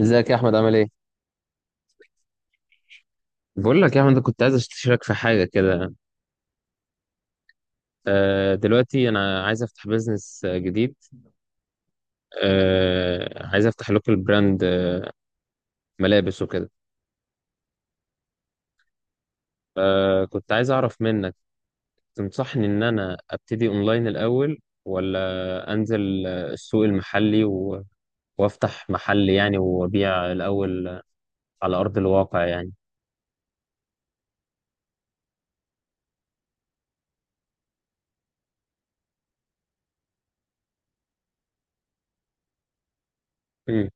ازيك يا احمد، عامل ايه؟ بقول لك يا احمد، أنا كنت عايز اشترك في حاجه كده. دلوقتي انا عايز افتح بيزنس جديد. عايز افتح لوكال براند ملابس وكده. كنت عايز اعرف منك، تنصحني ان انا ابتدي اونلاين الاول، ولا انزل السوق المحلي وافتح محل يعني، وابيع الاول على ارض الواقع يعني. امم،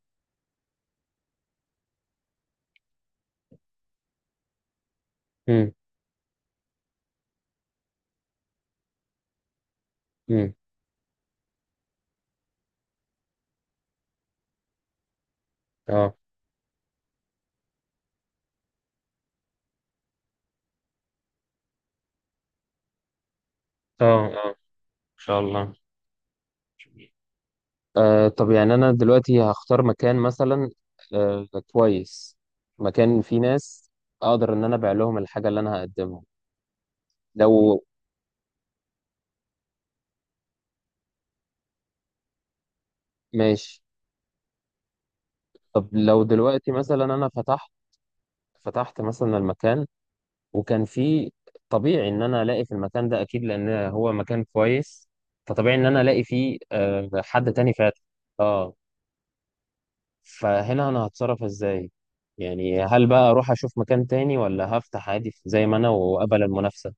امم، امم، اه، اه، اه، ان شاء الله. طب، يعني أنا دلوقتي هختار مكان مثلا آه كويس، مكان فيه ناس أقدر إن أنا أبيع لهم الحاجة اللي أنا هقدمها. لو. ماشي. طب لو دلوقتي مثلا أنا فتحت. مثلا المكان وكان فيه، طبيعي إن أنا ألاقي في المكان ده أكيد لأن هو مكان كويس. فطبيعي إن أنا ألاقي فيه حد تاني فاتح. آه. فهنا أنا هتصرف إزاي؟ يعني هل بقى أروح أشوف مكان تاني، ولا هفتح عادي زي ما أنا وأقبل المنافسة؟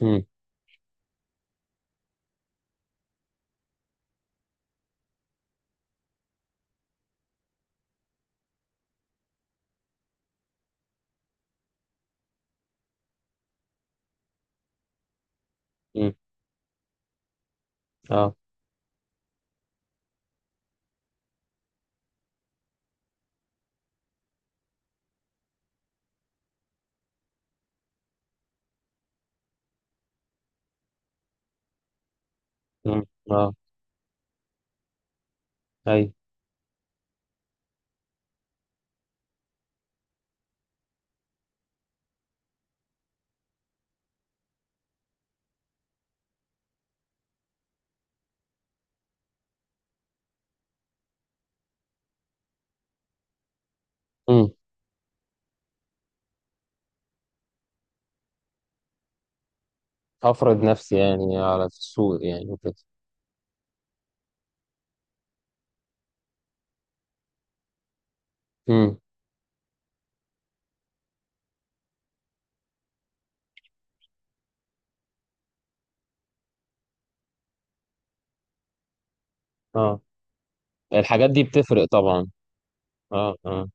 امم، امم، اه، امم، اه، اي، امم. افرض نفسي يعني على السوق يعني وكده. امم، اه. الحاجات دي بتفرق طبعا. اه، اه.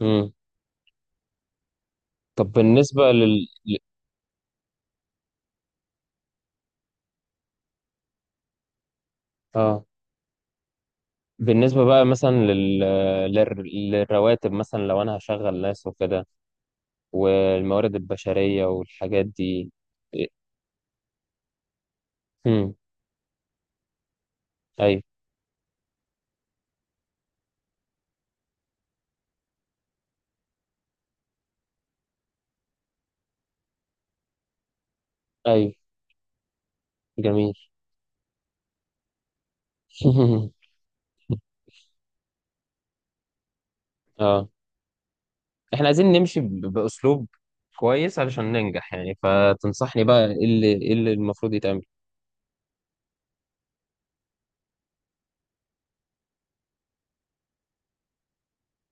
امم. طب بالنسبة لل ل- اه بالنسبة بقى مثلا لل... للرواتب، مثلا لو انا هشغل ناس وكده، والموارد البشرية والحاجات دي. امم، اي، اي، جميل. اه، احنا عايزين نمشي باسلوب كويس علشان ننجح يعني. فتنصحني بقى ايه اللي المفروض يتعمل؟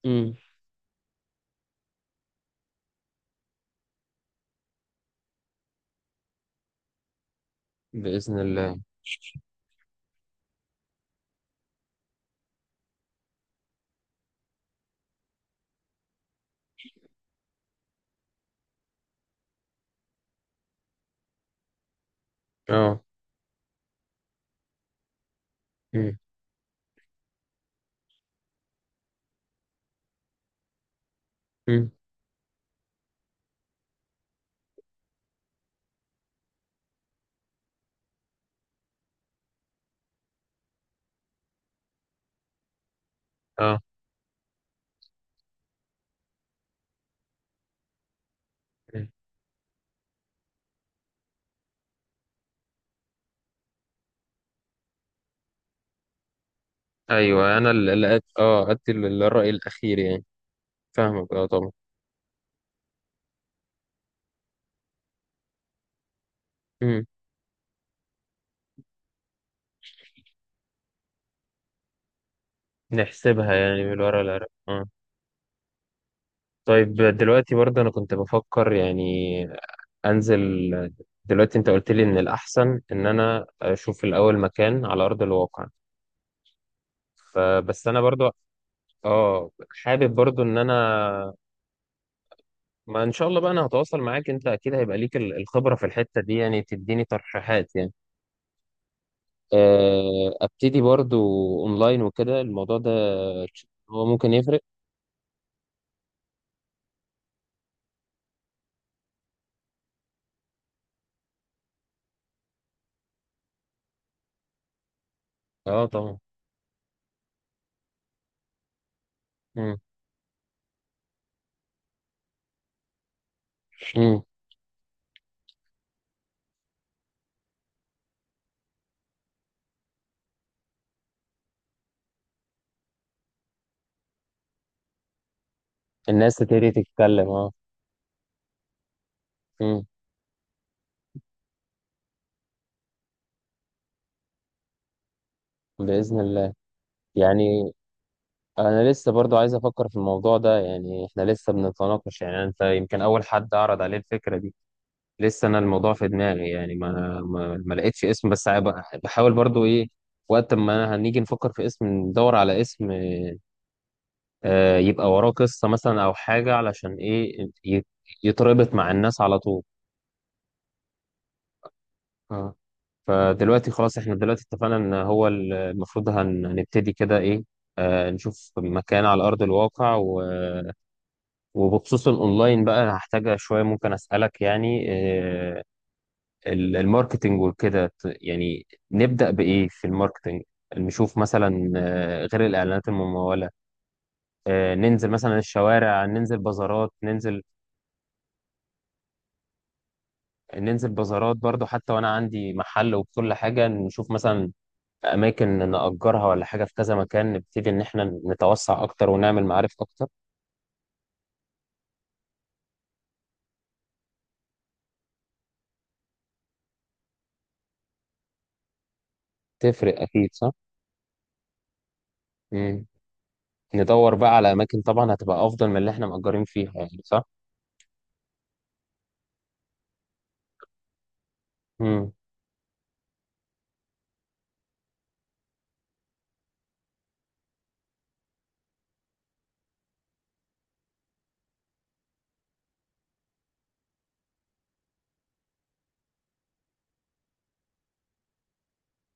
امم. باذن الله. اه. امم، امم، اه، مم. ايوه، انا اللي ادي الراي الاخير يعني. فاهمك، اه طبعا. امم. نحسبها يعني من ورا العراق اه. طيب دلوقتي برضه انا كنت بفكر يعني انزل. دلوقتي انت قلت لي ان الاحسن ان انا اشوف الاول مكان على ارض الواقع، فبس انا برضو اه حابب برضو ان انا، ما ان شاء الله بقى انا هتواصل معاك، انت اكيد هيبقى ليك الخبرة في الحتة دي يعني تديني ترشيحات يعني. ابتدي برضو اونلاين وكده، الموضوع ده هو ممكن يفرق. اه طبعا. مم. مم. الناس تبتدي تتكلم. اه. مم. بإذن الله. يعني انا لسه برضو عايز افكر في الموضوع ده، يعني احنا لسه بنتناقش. يعني انت يمكن اول حد عرض عليه الفكرة دي. لسه انا الموضوع في دماغي يعني، ما لقيتش اسم. بس بحاول برضو ايه، وقت ما هنيجي نفكر في اسم ندور على اسم يبقى وراه قصة مثلا او حاجة، علشان ايه يتربط مع الناس على طول. اه. فدلوقتي خلاص، احنا دلوقتي اتفقنا ان هو المفروض هنبتدي كده ايه. نشوف مكان على ارض الواقع وبخصوص الاونلاين بقى، هحتاج شوية ممكن اسألك يعني. الماركتينج وكده، يعني نبدأ بإيه في الماركتينج؟ نشوف مثلا غير الإعلانات الممولة. ننزل مثلا الشوارع، ننزل بازارات، ننزل بازارات برضو حتى وأنا عندي محل وكل حاجة. نشوف مثلا أماكن نأجرها ولا حاجة في كذا مكان، نبتدي إن إحنا نتوسع أكتر ونعمل معارف أكتر. تفرق أكيد صح؟ مم. ندور بقى على أماكن طبعا هتبقى أفضل من اللي إحنا مأجرين فيها، يعني صح؟ مم.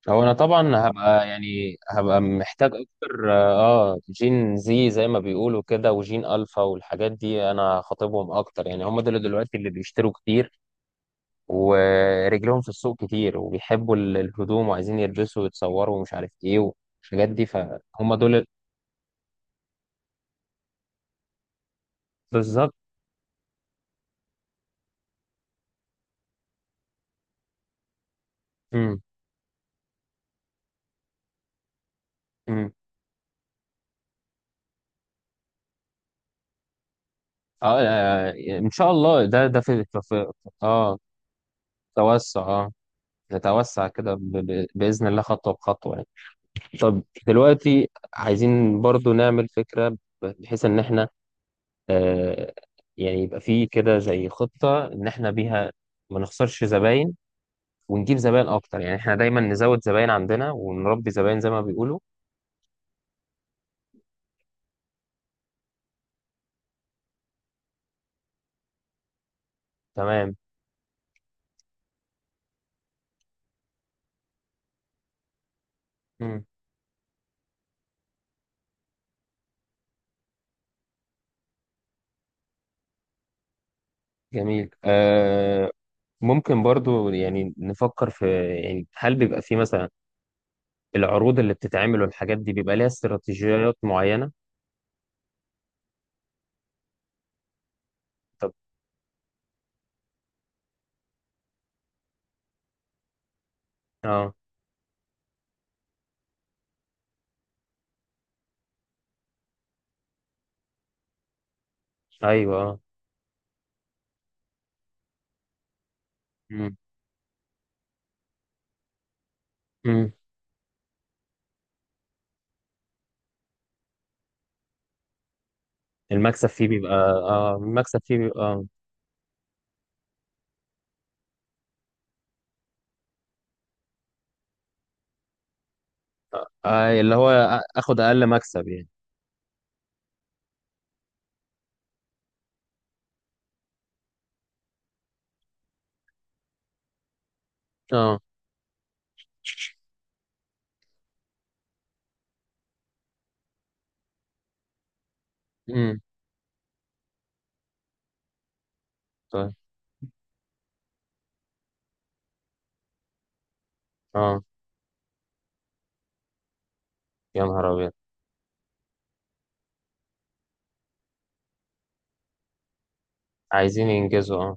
هو انا طبعا هبقى، يعني هبقى محتاج اكتر اه جين، زي ما بيقولوا كده، وجين الفا والحاجات دي، انا خاطبهم اكتر يعني. هم دول دلوقتي اللي بيشتروا كتير، ورجلهم في السوق كتير، وبيحبوا الهدوم، وعايزين يلبسوا ويتصوروا، ومش عارف ايه والحاجات دي، فهم دول بالظبط. امم، امم، اه، ان شاء الله. ده في- اه توسع. اه، نتوسع كده باذن الله، خطوه بخطوه يعني. طب دلوقتي عايزين برضو نعمل فكرة بحيث ان احنا آه يعني يبقى في كده زي خطة ان احنا بيها ما نخسرش زباين، ونجيب زباين اكتر. يعني احنا دايما نزود زباين عندنا ونربي زباين زي ما بيقولوا. تمام، مم، جميل، آه. ممكن برضو يعني نفكر في، يعني هل بيبقى في مثلا العروض اللي بتتعمل والحاجات دي بيبقى ليها استراتيجيات معينة؟ طب. اه، ايوه، اه، مم، مم. المكسب فيه بيبقى اللي هو اخد اقل مكسب يعني. اه. امم. طيب. اه. يا نهار ابيض. عايزين ينجزوا اه.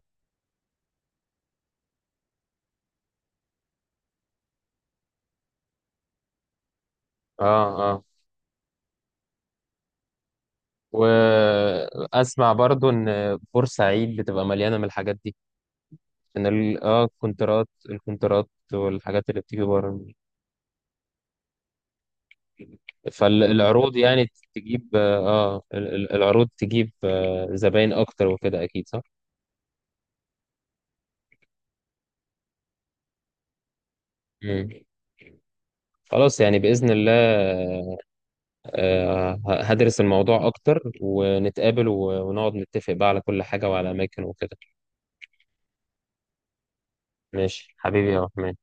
اه، اه. واسمع برضو ان بورسعيد بتبقى مليانه من الحاجات دي، ان الكونترات والحاجات اللي بتيجي بره. فالعروض يعني تجيب اه آه، ال- ال- العروض تجيب زباين اكتر وكده، اكيد صح؟ مم. خلاص يعني باذن الله. هدرس الموضوع أكتر، ونتقابل ونقعد نتفق بقى على كل حاجة وعلى أماكن وكده. ماشي حبيبي يا أحمد.